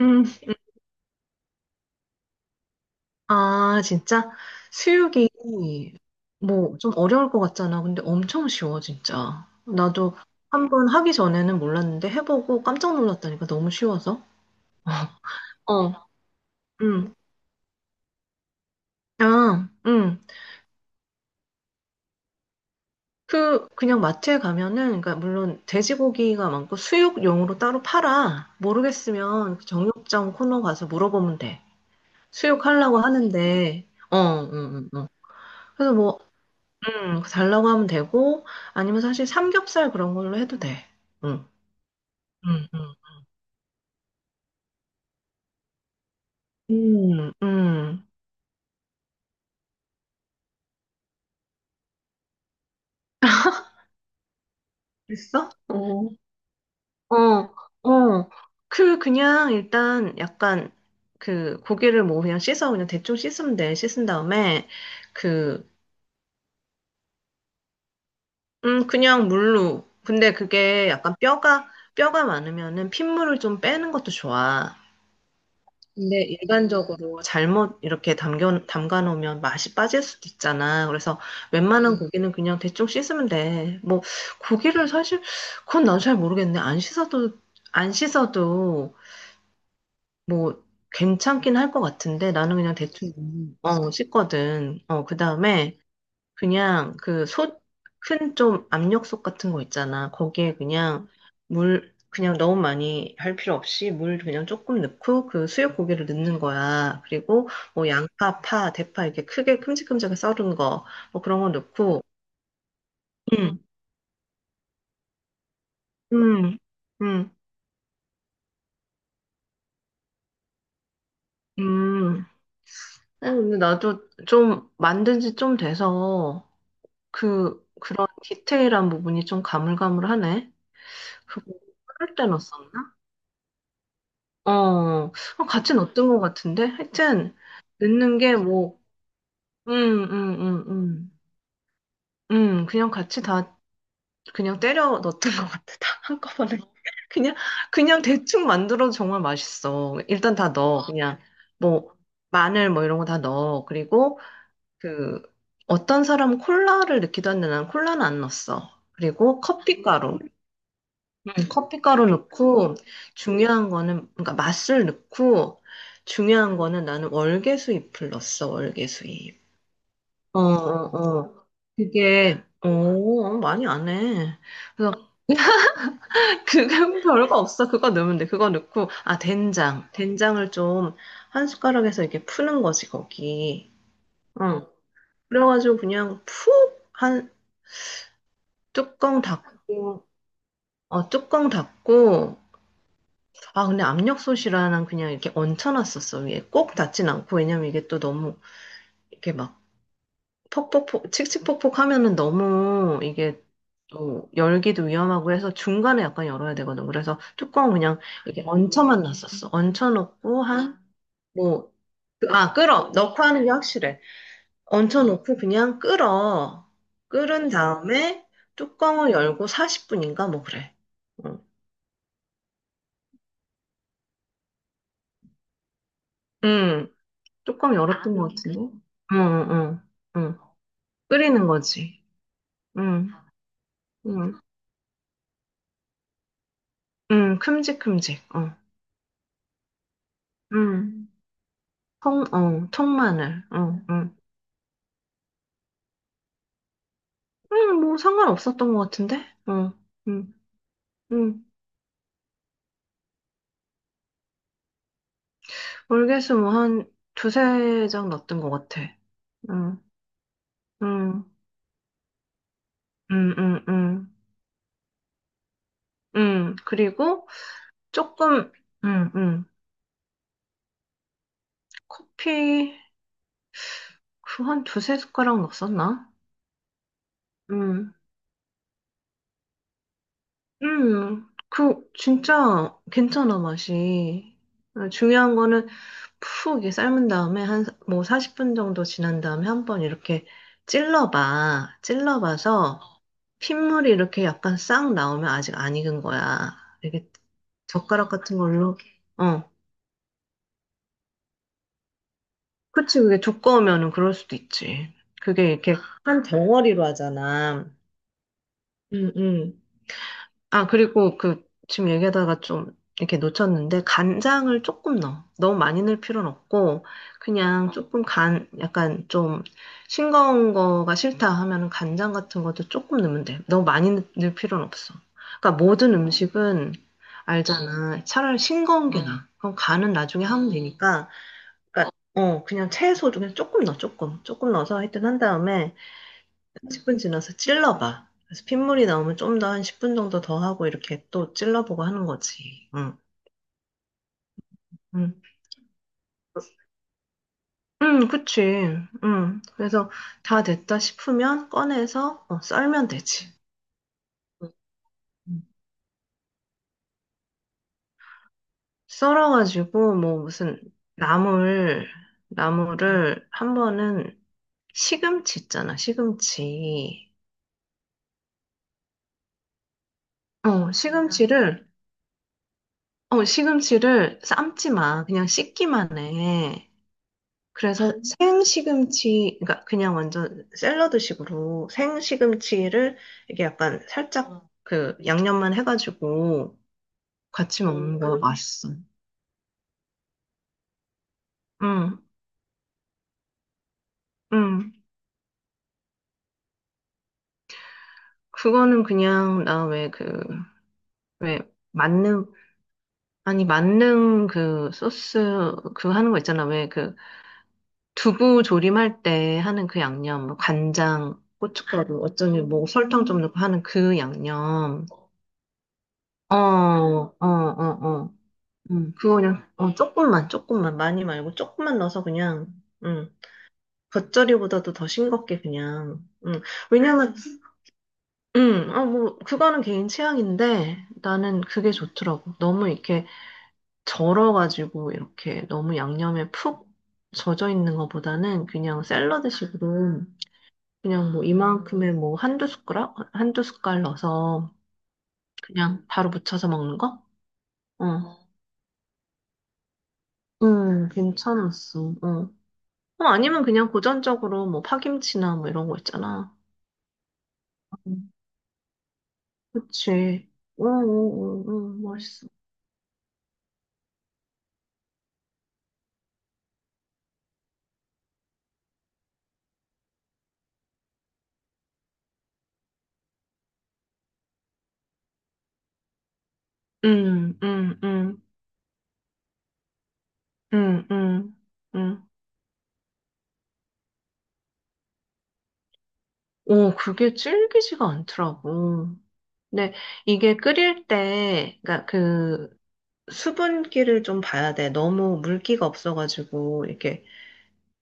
음, 아, 진짜? 수육이 뭐 좀 어려울 것 같잖아. 근데 엄청 쉬워, 진짜. 나도 한 번 하기 전에는 몰랐는데 해보고 깜짝 놀랐다니까 너무 쉬워서. 어, 음, 아, 그냥 마트에 가면은, 그러니까 물론 돼지고기가 많고 수육용으로 따로 팔아. 모르겠으면 그 정육점 코너 가서 물어보면 돼. 수육하려고 하는데, 어, 응, 응, 응. 그래서 뭐, 달라고 하면 되고, 아니면 사실 삼겹살 그런 걸로 해도 돼. 응, 응, 응. 음, 음. 됐어? 어, 어, 어. 그냥 일단 약간 그 고기를 뭐 그냥 씻어, 그냥 대충 씻으면 돼. 씻은 다음에 그, 그냥 물로. 근데 그게 약간 뼈가 많으면은 핏물을 좀 빼는 것도 좋아. 근데 일반적으로 잘못 이렇게 담가 놓으면 맛이 빠질 수도 있잖아. 그래서 웬만한 음, 고기는 그냥 대충 씻으면 돼. 뭐, 고기를 사실, 그건 난 잘 모르겠네. 안 씻어도 뭐, 괜찮긴 할 것 같은데 나는 그냥 대충, 어, 씻거든. 어, 그 다음에 그냥 그 솥, 큰 좀 압력솥 같은 거 있잖아. 거기에 그냥 물, 그냥 너무 많이 할 필요 없이 물 그냥 조금 넣고 그 수육 고기를 넣는 거야. 그리고 뭐 양파, 파, 대파 이렇게 크게 큼직큼직하게 썰은 거, 뭐 그런 거 넣고. 음, 음, 음, 음. 아니, 근데 나도 좀 만든 지 좀 돼서 그런 디테일한 부분이 좀 가물가물하네. 그거 끓을 때 넣었었나? 어, 어, 같이 넣었던 것 같은데? 하여튼, 넣는 게 뭐, 음, 음, 음, 음. 그냥 같이 다, 그냥 때려 넣었던 것 같아. 다 한꺼번에. 그냥, 그냥 대충 만들어도 정말 맛있어. 일단 다 넣어. 그냥, 뭐, 마늘 뭐 이런 거 다 넣어. 그리고, 그, 어떤 사람은 콜라를 넣기도 하는데 난 콜라는 안 넣었어. 그리고 커피가루. 커피가루 넣고 중요한 거는 그러니까 맛술 넣고 중요한 거는 나는 월계수잎을 넣었어, 월계수잎. 어, 어, 어. 그게 오 많이 안 해. 그래서 그건 별거 없어. 그거 넣으면 돼. 그거 넣고 아 된장을 좀 한 숟가락에서 이렇게 푸는 거지, 거기. 어. 그래가지고 그냥 푹 한 뚜껑 닫고 어 뚜껑 닫고 아, 근데 압력솥이라 난 그냥 이렇게 얹혀놨었어, 위에. 꼭 닿진 않고, 왜냐면 이게 또 너무, 이렇게 막, 퍽퍽퍽, 칙칙폭폭 하면은 너무, 이게 또, 열기도 위험하고 해서 중간에 약간 열어야 되거든. 그래서 뚜껑 그냥 이렇게 얹혀만 놨었어. 얹혀놓고 한, 뭐, 아, 끓어. 넣고 하는 게 확실해. 얹혀놓고 그냥 끓어. 끓은 다음에 뚜껑을 열고 40분인가? 뭐 그래. 응, 응. 뚜껑 열었던 것 같은데? 응, 응, 응. 응. 끓이는 거지. 응, 응, 응, 큼직큼직. 어, 응, 통, 어, 통마늘. 어, 응. 응, 뭐 상관없었던 것 같은데? 어, 응, 응. 월계수 뭐한 두세 장 났던 것 같아. 응, 응, 응, 응, 응. 응, 그리고 조금, 응, 응. 커피, 그 한 두세 숟가락 넣었었나? 응. 그, 진짜 괜찮아, 맛이. 어, 중요한 거는 푹 이렇게 삶은 다음에 한, 뭐 40분 정도 지난 다음에 한번 이렇게 찔러봐. 찔러봐서 핏물이 이렇게 약간 싹 나오면 아직 안 익은 거야. 이렇게 젓가락 같은 걸로. 어, 그치, 그게 두꺼우면은 그럴 수도 있지. 그게 이렇게 한 덩어리로 하잖아. 응, 응. 아, 그리고 그, 지금 얘기하다가 좀 이렇게 놓쳤는데, 간장을 조금 넣어. 너무 많이 넣을 필요는 없고, 그냥 조금 간, 약간 좀 싱거운 거가 싫다 하면은 간장 같은 것도 조금 넣으면 돼. 너무 많이 넣을 필요는 없어. 그러니까 모든 음식은 알잖아. 차라리 싱거운 게 나아. 그럼 간은 나중에 하면 되니까, 그러니까, 어, 그냥 채소 중에 조금 넣어, 조금. 조금 넣어서 하여튼 한 다음에, 10분 지나서 찔러봐. 그래서 핏물이 나오면 좀 더 한 10분 정도 더 하고 이렇게 또 찔러보고 하는 거지. 응, 응. 응, 그치. 응. 그래서 다 됐다 싶으면 꺼내서 어, 썰면 되지. 응. 썰어가지고 뭐 무슨 나물, 나물을 한 번은 시금치 있잖아, 시금치. 어, 시금치를 삶지 마. 그냥 씻기만 해. 그래서 생시금치, 그러니까 그냥 완전 샐러드식으로 생시금치를 이게 약간 살짝 어, 그 양념만 해가지고 같이 어, 먹는 거 맛있어. 응, 응. 그거는 그냥 나 왜 그, 왜 만능, 아니 만능 그 소스 그 하는 거 있잖아. 왜 그 두부 조림할 때 하는 그 양념, 뭐 간장, 고춧가루, 어쩌니 뭐 설탕 좀 넣고 하는 그 양념. 어, 어, 아, 어, 어. 그거 그냥, 어, 조금만, 조금만, 많이 말고, 조금만 넣어서 그냥, 음, 겉절이보다도 더 싱겁게 그냥, 왜냐면, 아, 뭐, 그거는 개인 취향인데, 나는 그게 좋더라고. 너무 이렇게 절어가지고, 이렇게 너무 양념에 푹 젖어 있는 것보다는 그냥 샐러드식으로, 그냥 뭐 이만큼의 뭐 한두 숟가락? 한두 숟갈 넣어서 그냥 바로 무쳐서 먹는 거? 어, 괜찮았어. 어. 어, 아니면 그냥 고전적으로 뭐 파김치나 뭐 이런 거 있잖아. 음. 그치. 오오오오 맛있어. 응, 응, 응, 응, 응, 응. 오, 그게 질기지가 않더라고. 근데 이게 끓일 때, 그러니까 그 수분기를 좀 봐야 돼. 너무 물기가 없어가지고 이렇게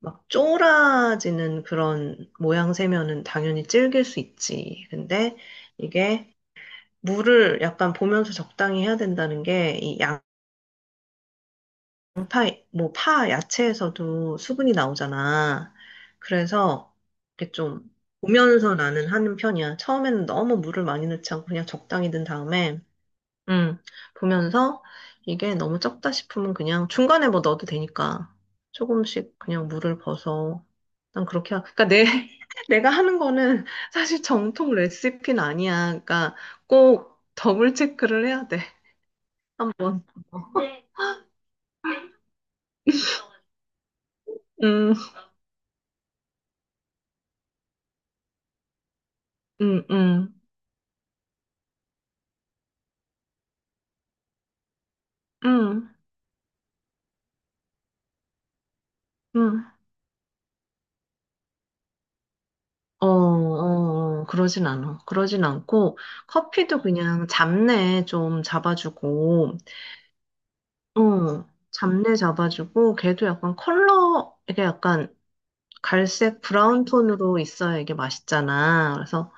막 쫄아지는 그런 모양새면은 당연히 질길 수 있지. 근데 이게 물을 약간 보면서 적당히 해야 된다는 게, 이 양파, 뭐, 파, 야채에서도 수분이 나오잖아. 그래서, 이렇게 좀, 보면서 나는 하는 편이야. 처음에는 너무 물을 많이 넣지 않고 그냥 적당히 넣은 다음에, 음, 보면서 이게 너무 적다 싶으면 그냥 중간에 뭐 넣어도 되니까 조금씩 그냥 물을 벗어. 난 그렇게, 하, 그러니까 내, 내가 하는 거는 사실 정통 레시피는 아니야. 그러니까 꼭 더블 체크를 해야 돼. 한 번. 음, 음, 음, 음, 음. 어, 어, 어, 그러진 않아. 그러진 않고, 커피도 그냥 잡내 좀 잡아주고, 어, 잡내 잡아주고, 걔도 약간 컬러, 이게 약간 갈색 브라운 톤으로 있어야 이게 맛있잖아. 그래서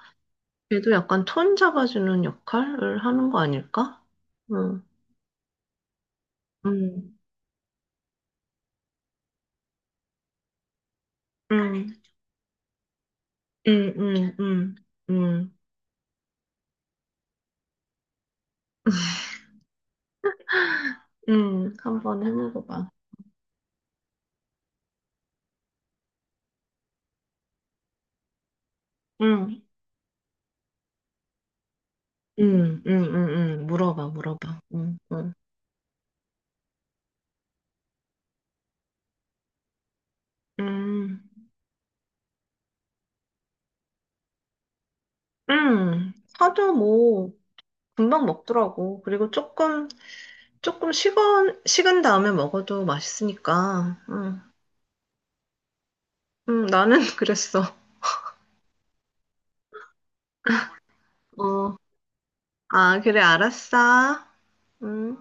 걔도 약간 톤 잡아주는 역할을 하는 거 아닐까? 응, 응, 응, 응, 응, 응, 응, 응, 한번 해먹어봐. 응. 응, 응, 응, 응. 물어봐, 물어봐. 응, 응. 음, 사도 뭐, 금방 먹더라고. 그리고 조금, 식은 다음에 먹어도 맛있으니까. 응, 응, 나는 그랬어. 어, 아, 그래, 알았어. 음.